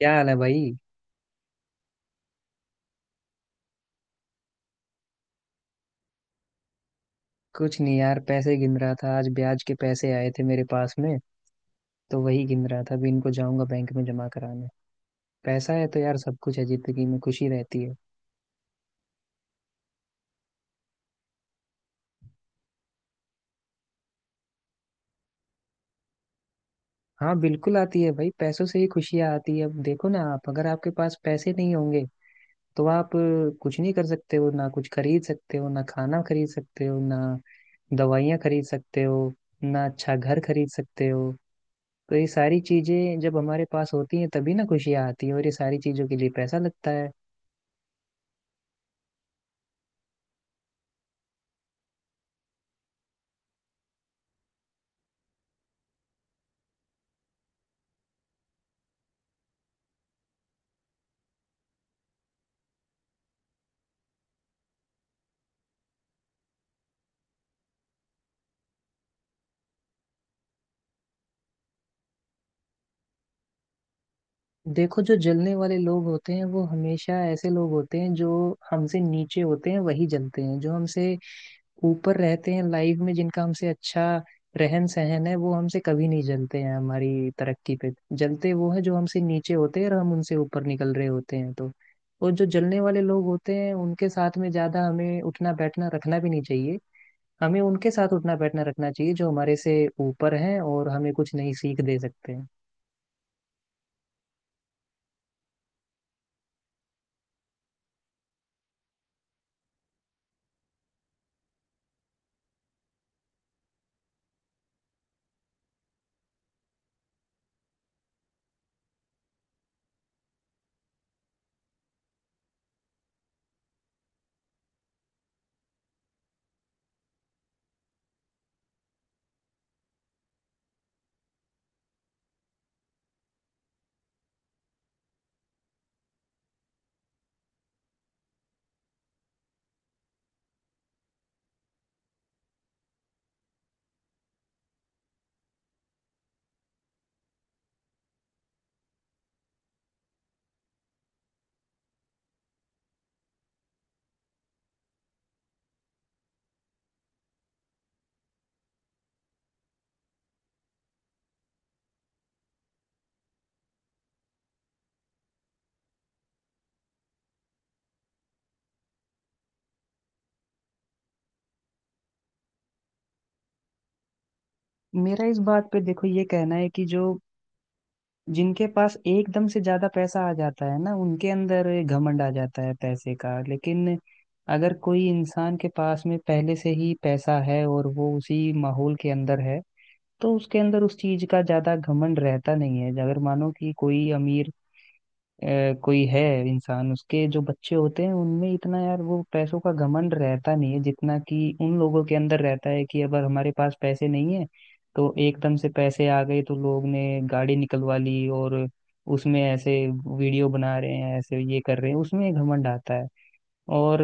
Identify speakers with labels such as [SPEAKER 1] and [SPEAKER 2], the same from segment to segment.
[SPEAKER 1] क्या हाल है भाई। कुछ नहीं यार, पैसे गिन रहा था, आज ब्याज के पैसे आए थे मेरे पास में, तो वही गिन रहा था। अभी इनको जाऊंगा बैंक में जमा कराने। पैसा है तो यार सब कुछ है, जिंदगी में खुशी रहती है। हाँ बिल्कुल आती है भाई, पैसों से ही खुशियाँ आती है। अब देखो ना, आप अगर आपके पास पैसे नहीं होंगे तो आप कुछ नहीं कर सकते हो ना, कुछ खरीद सकते हो ना, खाना खरीद सकते हो ना, दवाइयाँ खरीद सकते हो ना, अच्छा घर खरीद सकते हो। तो ये सारी चीजें जब हमारे पास होती हैं तभी ना खुशियाँ आती है, और ये सारी चीजों के लिए पैसा लगता है। देखो, जो जलने वाले लोग होते हैं वो हमेशा ऐसे लोग होते हैं जो हमसे नीचे होते हैं, वही जलते हैं। जो हमसे ऊपर रहते हैं लाइफ में, जिनका हमसे अच्छा रहन सहन है, वो हमसे कभी नहीं जलते हैं हमारी तरक्की पे। जलते वो हैं जो हमसे नीचे होते हैं और हम उनसे ऊपर निकल रहे होते हैं। तो और जो जलने वाले लोग होते हैं उनके साथ में ज्यादा हमें उठना बैठना रखना भी नहीं चाहिए। हमें उनके साथ उठना बैठना रखना चाहिए जो हमारे से ऊपर हैं और हमें कुछ नई सीख दे सकते हैं। मेरा इस बात पे देखो ये कहना है कि जो जिनके पास एकदम से ज्यादा पैसा आ जाता है ना, उनके अंदर घमंड आ जाता है पैसे का। लेकिन अगर कोई इंसान के पास में पहले से ही पैसा है और वो उसी माहौल के अंदर है तो उसके अंदर उस चीज का ज्यादा घमंड रहता नहीं है। अगर मानो कि कोई अमीर कोई है इंसान, उसके जो बच्चे होते हैं उनमें इतना यार वो पैसों का घमंड रहता नहीं है जितना कि उन लोगों के अंदर रहता है कि अगर हमारे पास पैसे नहीं है तो एकदम से पैसे आ गए तो लोग ने गाड़ी निकलवा ली और उसमें ऐसे वीडियो बना रहे हैं, ऐसे ये कर रहे हैं, उसमें घमंड आता है। और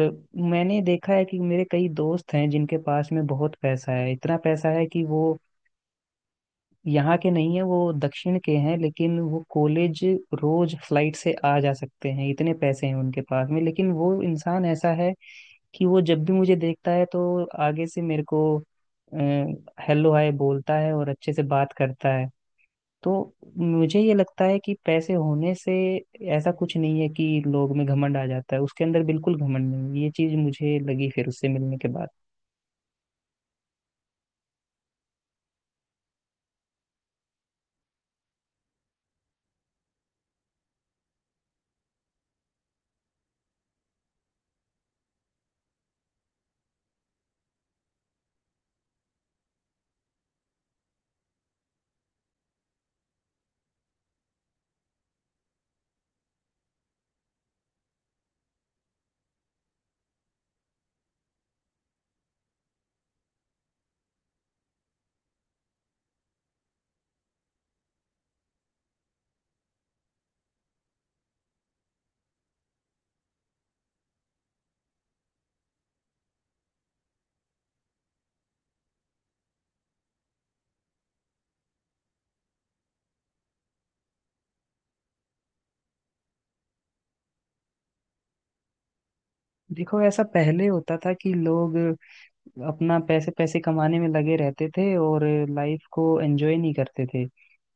[SPEAKER 1] मैंने देखा है कि मेरे कई दोस्त हैं जिनके पास में बहुत पैसा है, इतना पैसा है कि वो यहाँ के नहीं है, वो दक्षिण के हैं, लेकिन वो कॉलेज रोज फ्लाइट से आ जा सकते हैं, इतने पैसे हैं उनके पास में। लेकिन वो इंसान ऐसा है कि वो जब भी मुझे देखता है तो आगे से मेरे को हेलो हाय बोलता है और अच्छे से बात करता है। तो मुझे ये लगता है कि पैसे होने से ऐसा कुछ नहीं है कि लोग में घमंड आ जाता है। उसके अंदर बिल्कुल घमंड नहीं, ये चीज मुझे लगी फिर उससे मिलने के बाद। देखो ऐसा पहले होता था कि लोग अपना पैसे पैसे कमाने में लगे रहते थे और लाइफ को एंजॉय नहीं करते थे।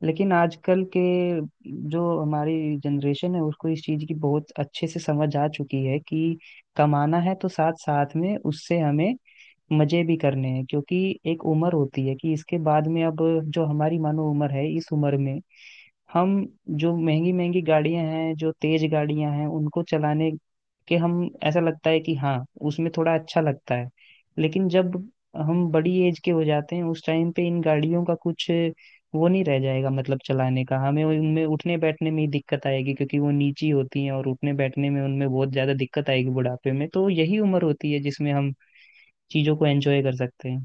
[SPEAKER 1] लेकिन आजकल के जो हमारी जनरेशन है उसको इस चीज़ की बहुत अच्छे से समझ आ चुकी है कि कमाना है तो साथ साथ में उससे हमें मजे भी करने हैं। क्योंकि एक उम्र होती है कि इसके बाद में, अब जो हमारी मानो उम्र है इस उम्र में हम जो महंगी महंगी गाड़ियां हैं, जो तेज गाड़ियां हैं, उनको चलाने के हम, ऐसा लगता है कि हाँ उसमें थोड़ा अच्छा लगता है। लेकिन जब हम बड़ी एज के हो जाते हैं उस टाइम पे इन गाड़ियों का कुछ वो नहीं रह जाएगा, मतलब चलाने का, हमें उनमें उठने बैठने में ही दिक्कत आएगी क्योंकि वो नीची होती हैं और उठने बैठने में उनमें बहुत ज्यादा दिक्कत आएगी बुढ़ापे में। तो यही उम्र होती है जिसमें हम चीजों को एंजॉय कर सकते हैं।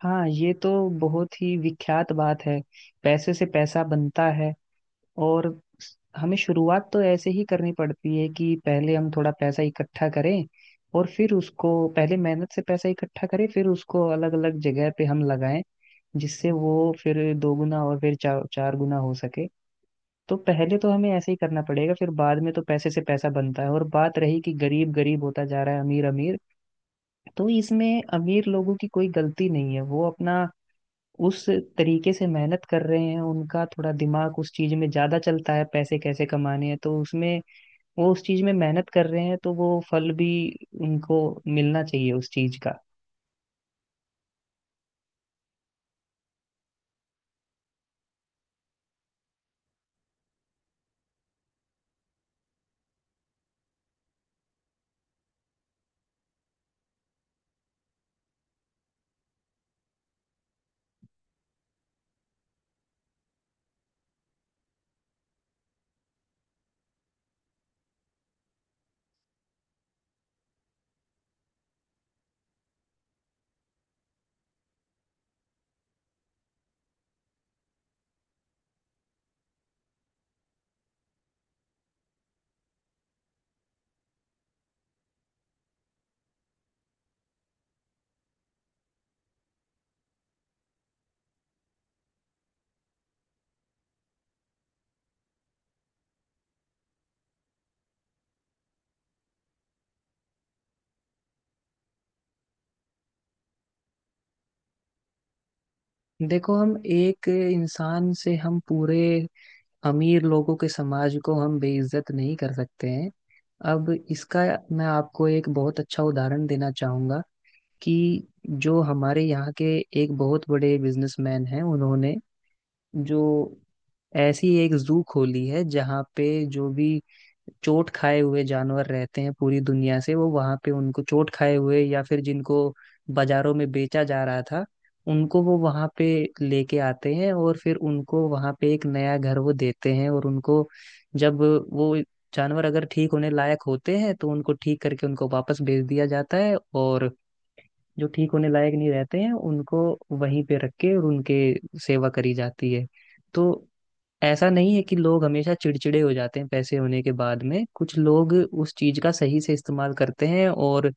[SPEAKER 1] हाँ ये तो बहुत ही विख्यात बात है, पैसे से पैसा बनता है। और हमें शुरुआत तो ऐसे ही करनी पड़ती है कि पहले हम थोड़ा पैसा इकट्ठा करें, और फिर उसको पहले मेहनत से पैसा इकट्ठा करें फिर उसको अलग अलग जगह पे हम लगाएं, जिससे वो फिर दोगुना और फिर चार चार गुना हो सके। तो पहले तो हमें ऐसे ही करना पड़ेगा, फिर बाद में तो पैसे से पैसा बनता है। और बात रही कि गरीब गरीब होता जा रहा है अमीर अमीर, तो इसमें अमीर लोगों की कोई गलती नहीं है। वो अपना उस तरीके से मेहनत कर रहे हैं, उनका थोड़ा दिमाग उस चीज में ज्यादा चलता है पैसे कैसे कमाने हैं, तो उसमें वो उस चीज में मेहनत कर रहे हैं तो वो फल भी उनको मिलना चाहिए उस चीज का। देखो हम एक इंसान से हम पूरे अमीर लोगों के समाज को हम बेइज्जत नहीं कर सकते हैं। अब इसका मैं आपको एक बहुत अच्छा उदाहरण देना चाहूंगा कि जो हमारे यहाँ के एक बहुत बड़े बिजनेसमैन हैं, उन्होंने जो ऐसी एक जू खोली है जहाँ पे जो भी चोट खाए हुए जानवर रहते हैं पूरी दुनिया से, वो वहां पे उनको, चोट खाए हुए या फिर जिनको बाजारों में बेचा जा रहा था, उनको वो वहां पे लेके आते हैं और फिर उनको वहां पे एक नया घर वो देते हैं। और उनको जब वो जानवर अगर ठीक होने लायक होते हैं तो उनको ठीक करके उनको वापस भेज दिया जाता है, और जो ठीक होने लायक नहीं रहते हैं उनको वहीं पे रख के और उनके सेवा करी जाती है। तो ऐसा नहीं है कि लोग हमेशा चिड़चिड़े हो जाते हैं पैसे होने के बाद में, कुछ लोग उस चीज का सही से इस्तेमाल करते हैं और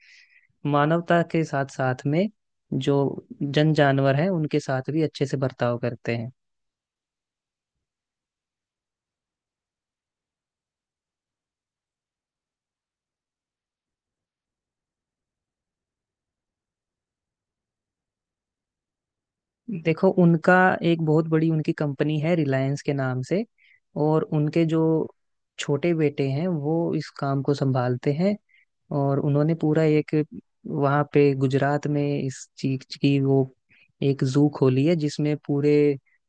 [SPEAKER 1] मानवता के साथ साथ में जो जन जानवर हैं उनके साथ भी अच्छे से बर्ताव करते हैं। देखो उनका एक बहुत बड़ी उनकी कंपनी है रिलायंस के नाम से, और उनके जो छोटे बेटे हैं वो इस काम को संभालते हैं। और उन्होंने पूरा एक वहाँ पे गुजरात में इस चीज की वो एक जू खोली है जिसमें पूरे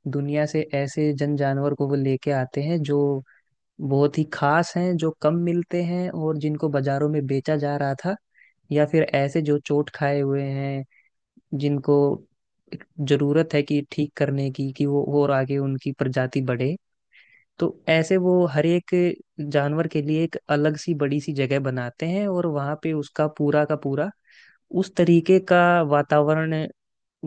[SPEAKER 1] दुनिया से ऐसे जन जानवर को वो लेके आते हैं जो बहुत ही खास हैं, जो कम मिलते हैं और जिनको बाजारों में बेचा जा रहा था, या फिर ऐसे जो चोट खाए हुए हैं जिनको जरूरत है कि ठीक करने की, कि वो और आगे उनकी प्रजाति बढ़े। तो ऐसे वो हर एक जानवर के लिए एक अलग सी बड़ी सी जगह बनाते हैं और वहां पे उसका पूरा का पूरा उस तरीके का वातावरण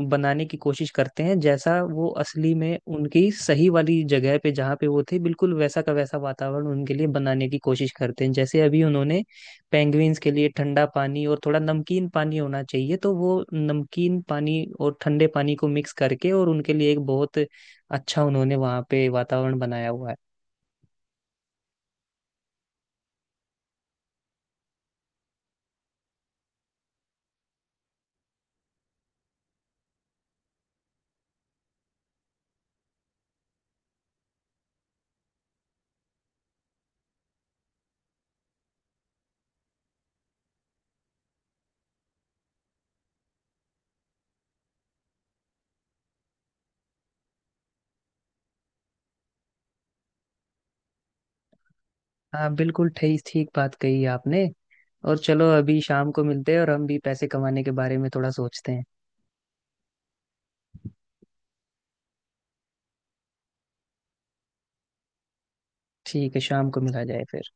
[SPEAKER 1] बनाने की कोशिश करते हैं जैसा वो असली में उनकी सही वाली जगह पे जहाँ पे वो थे बिल्कुल वैसा का वैसा वातावरण उनके लिए बनाने की कोशिश करते हैं। जैसे अभी उन्होंने पेंगुइन्स के लिए ठंडा पानी और थोड़ा नमकीन पानी होना चाहिए तो वो नमकीन पानी और ठंडे पानी को मिक्स करके और उनके लिए एक बहुत अच्छा उन्होंने वहाँ पे वातावरण बनाया हुआ है। हाँ बिल्कुल ठीक ठीक बात कही आपने। और चलो अभी शाम को मिलते हैं और हम भी पैसे कमाने के बारे में थोड़ा सोचते हैं। ठीक है शाम को मिला जाए फिर।